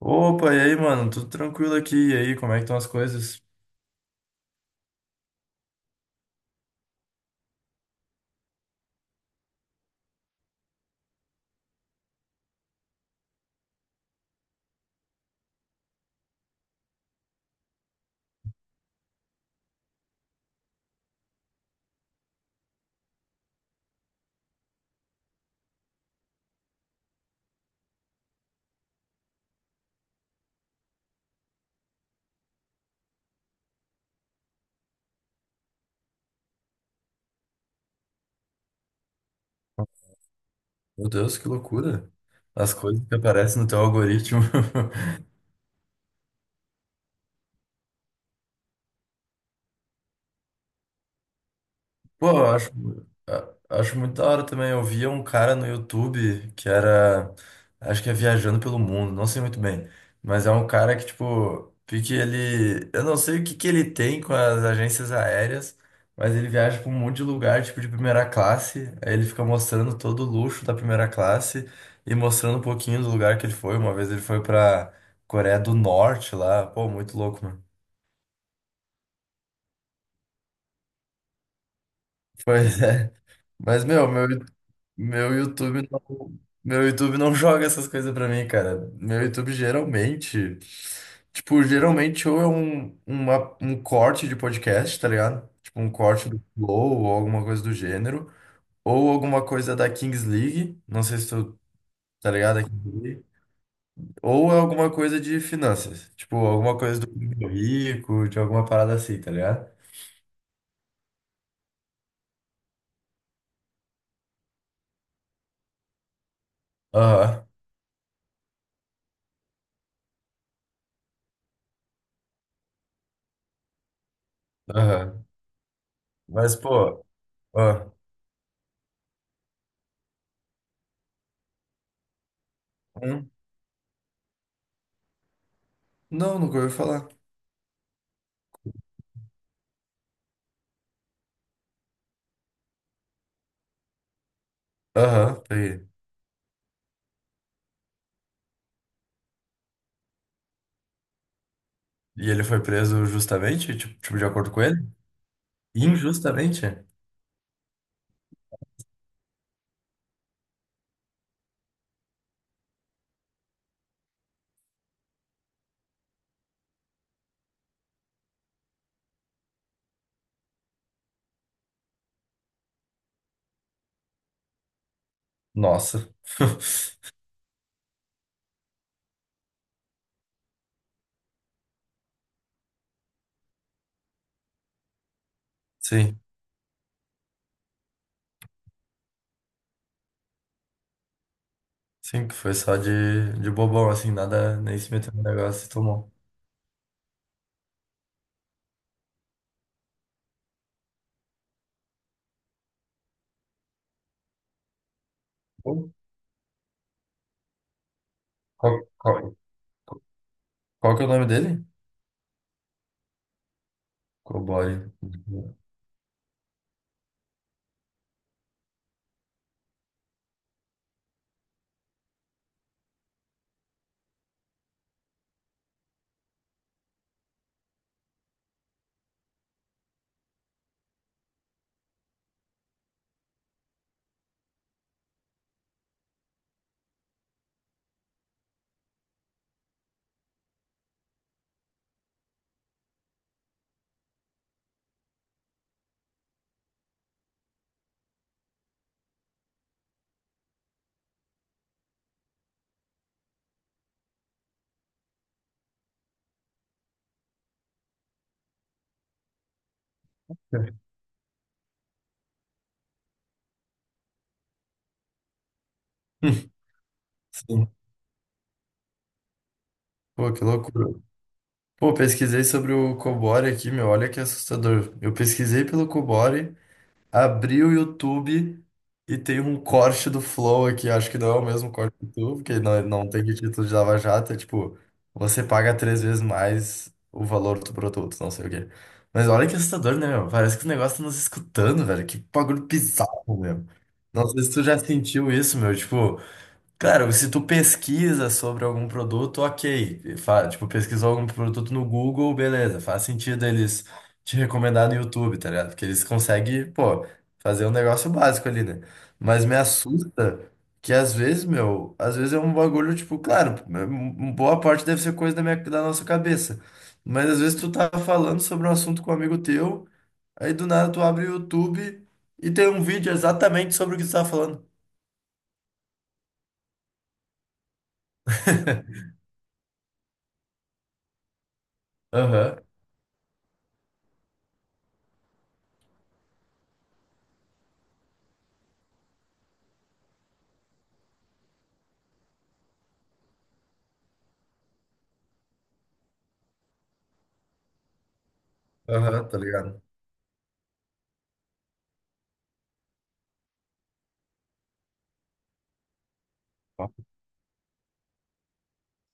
Opa, e aí, mano? Tudo tranquilo aqui? E aí, como é que estão as coisas? Meu Deus, que loucura. As coisas que aparecem no teu algoritmo. Pô, acho muito da hora também. Eu via um cara no YouTube que era, acho que é Viajando pelo Mundo, não sei muito bem, mas é um cara que, tipo, pique ele, eu não sei o que que ele tem com as agências aéreas, mas ele viaja pra um monte de lugar, tipo, de primeira classe, aí ele fica mostrando todo o luxo da primeira classe e mostrando um pouquinho do lugar que ele foi. Uma vez ele foi pra Coreia do Norte lá, pô, muito louco. Pois é. Mas, meu, meu, meu YouTube não, Meu YouTube não joga essas coisas pra mim, cara. Meu YouTube geralmente, tipo, geralmente ou é um corte de podcast, tá ligado? Tipo, um corte do Flow ou alguma coisa do gênero. Ou alguma coisa da Kings League. Não sei se tu tá ligado a Kings League. Ou é alguma coisa de finanças. Tipo, alguma coisa do Primo Rico, de alguma parada assim, tá ligado? Aham, aham. Mas, pô, ó. Não, nunca ouvi falar. Aham, peguei. E ele foi preso justamente? Tipo, tipo, de acordo com ele? Injustamente? Nossa. Sim, sim, que foi só de bobão, assim, nada, nem se meteu no negócio e tomou. Qual, qual, qual que é o nome dele? Cobore. Sim. Pô, que loucura. Pô, pesquisei sobre o Cobore aqui, meu, olha que assustador. Eu pesquisei pelo Cobore. Abri o YouTube e tem um corte do Flow aqui. Acho que não é o mesmo corte do YouTube, porque não, não tem título de Lava Jato. É tipo, você paga três vezes mais o valor do produto, não sei o quê. Mas olha que assustador, né, meu? Parece que o negócio tá nos escutando, velho. Que bagulho bizarro, meu. Não sei se tu já sentiu isso, meu. Tipo. Claro, se tu pesquisa sobre algum produto, ok. Fa- tipo, pesquisou algum produto no Google, beleza. Faz sentido eles te recomendar no YouTube, tá ligado? Porque eles conseguem, pô, fazer um negócio básico ali, né? Mas me assusta que às vezes, meu, às vezes é um bagulho, tipo, claro, m- boa parte deve ser coisa da nossa cabeça. Mas às vezes tu tá falando sobre um assunto com um amigo teu, aí do nada tu abre o YouTube e tem um vídeo exatamente sobre o que tu tá falando. Aham, aham, tá ligado?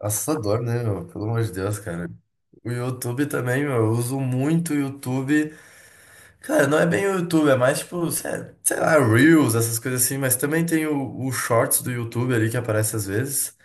Assustador, né, meu? Pelo amor de Deus, cara. O YouTube também, meu, eu uso muito o YouTube. Cara, não é bem o YouTube, é mais tipo, sé- sei lá, Reels, essas coisas assim, mas também tem o Shorts do YouTube ali que aparece às vezes.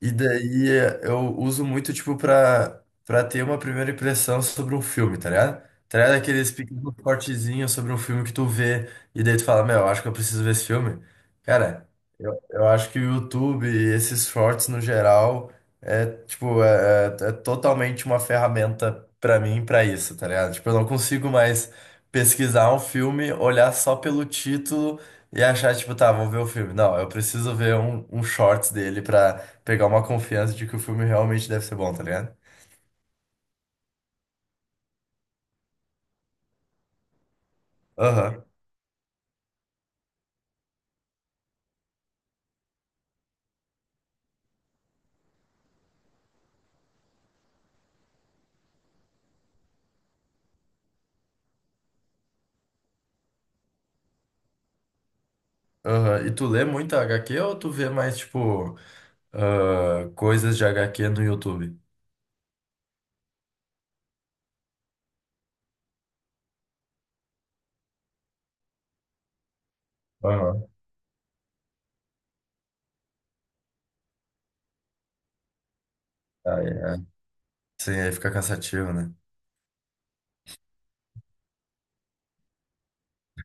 E daí eu uso muito, tipo, pra ter uma primeira impressão sobre um filme, tá ligado? Tá ligado? Aqueles pequenos cortezinhos sobre um filme que tu vê e daí tu fala, meu, eu acho que eu preciso ver esse filme. Cara, eu acho que o YouTube e esses shorts no geral é, tipo, é totalmente uma ferramenta pra mim pra isso, tá ligado? Tipo, eu não consigo mais pesquisar um filme, olhar só pelo título e achar, tipo, tá, vou ver o filme. Não, eu preciso ver um shorts dele pra pegar uma confiança de que o filme realmente deve ser bom, tá ligado? Aham, aham. E tu lê muito HQ ou tu vê mais, tipo, ah, coisas de HQ no YouTube? Aham. Aí, é. Sim, aí fica cansativo, né?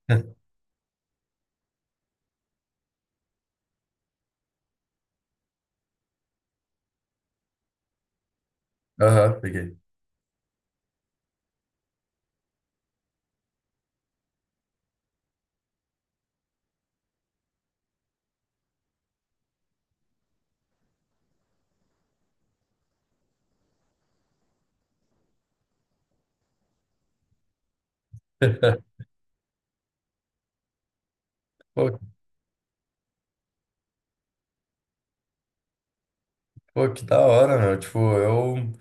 Aham, peguei. Pô, pô, que da hora, meu. Tipo, eu.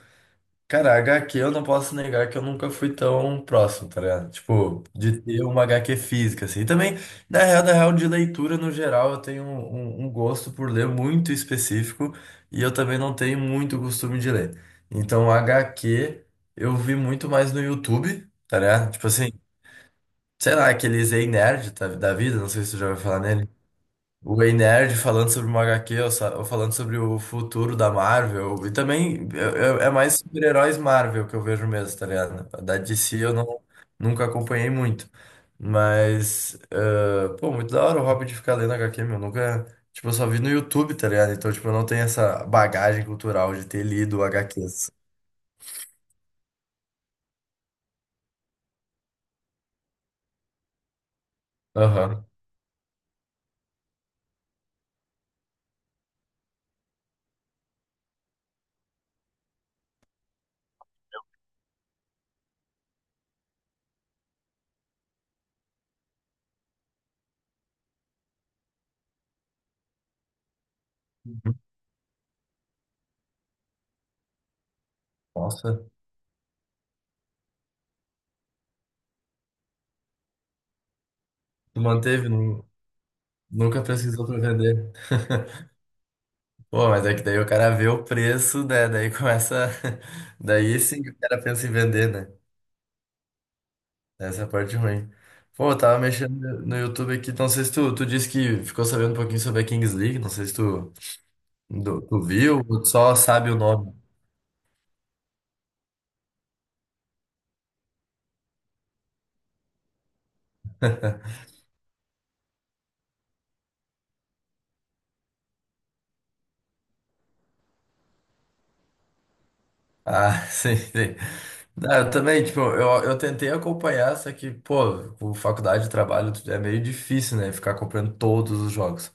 Cara, HQ eu não posso negar que eu nunca fui tão próximo, tá ligado? Tipo, de ter uma HQ física, assim. E também, na real, de leitura no geral, eu tenho um, um gosto por ler muito específico e eu também não tenho muito costume de ler. Então, HQ eu vi muito mais no YouTube, tá ligado? Tipo assim, sei lá, aqueles Ei Nerd tá- da vida, não sei se você já ouviu falar o Ei Nerd falando sobre uma HQ, ou, sa- ou falando sobre o futuro da Marvel. E também é, é mais super-heróis Marvel que eu vejo mesmo, tá ligado? Da DC eu não, nunca acompanhei muito. Mas, eh, pô, muito da hora o hobby de ficar lendo HQ, meu. Nunca. Tipo, eu só vi no YouTube, tá ligado? Então, tipo, eu não tenho essa bagagem cultural de ter lido HQs. Aham. Nossa, tu manteve, nu- nunca pesquisou pra vender. Pô, mas é que daí o cara vê o preço, né? Daí começa. Daí sim que o cara pensa em vender, né? Essa é a parte ruim. Pô, eu tava mexendo no YouTube aqui, não sei se tu, tu disse que ficou sabendo um pouquinho sobre a Kings League, não sei se tu, do- tu viu ou tu só sabe o nome. Ah, sim, sim. Ah, eu também, tipo, eu tentei acompanhar, só que, pô, com faculdade de trabalho é meio difícil, né? Ficar acompanhando todos os jogos.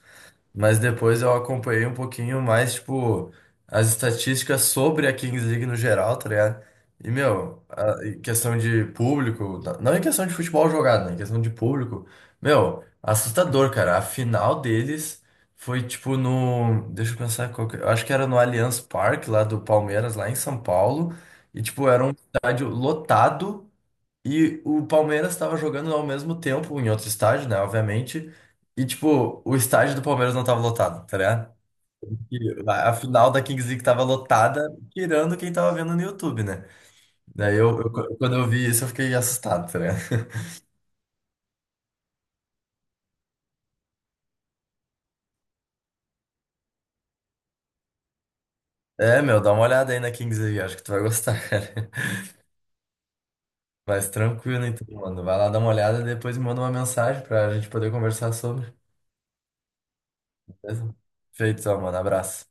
Mas depois eu acompanhei um pouquinho mais, tipo, as estatísticas sobre a Kings League no geral, tá ligado? E, meu, a- em questão de público, na- não em questão de futebol jogado, né? Em questão de público, meu, assustador, cara. A final deles foi, tipo, no. Deixa eu pensar qual que... eu Acho que era no Allianz Parque, lá do Palmeiras, lá em São Paulo. E, tipo, era um estádio lotado. E o Palmeiras estava jogando ao mesmo tempo em outro estádio, né? Obviamente. E, tipo, o estádio do Palmeiras não tava lotado, tá ligado? E a final da Kings League tava lotada, tirando quem tava vendo no YouTube, né? Daí quando eu vi isso, eu fiquei assustado, tá ligado? É, meu, dá uma olhada aí na Kings League, acho que tu vai gostar, cara. Mas tranquilo, então, mano. Vai lá dar uma olhada e depois me manda uma mensagem pra gente poder conversar sobre. Beleza? Feito, então, mano. Abraço.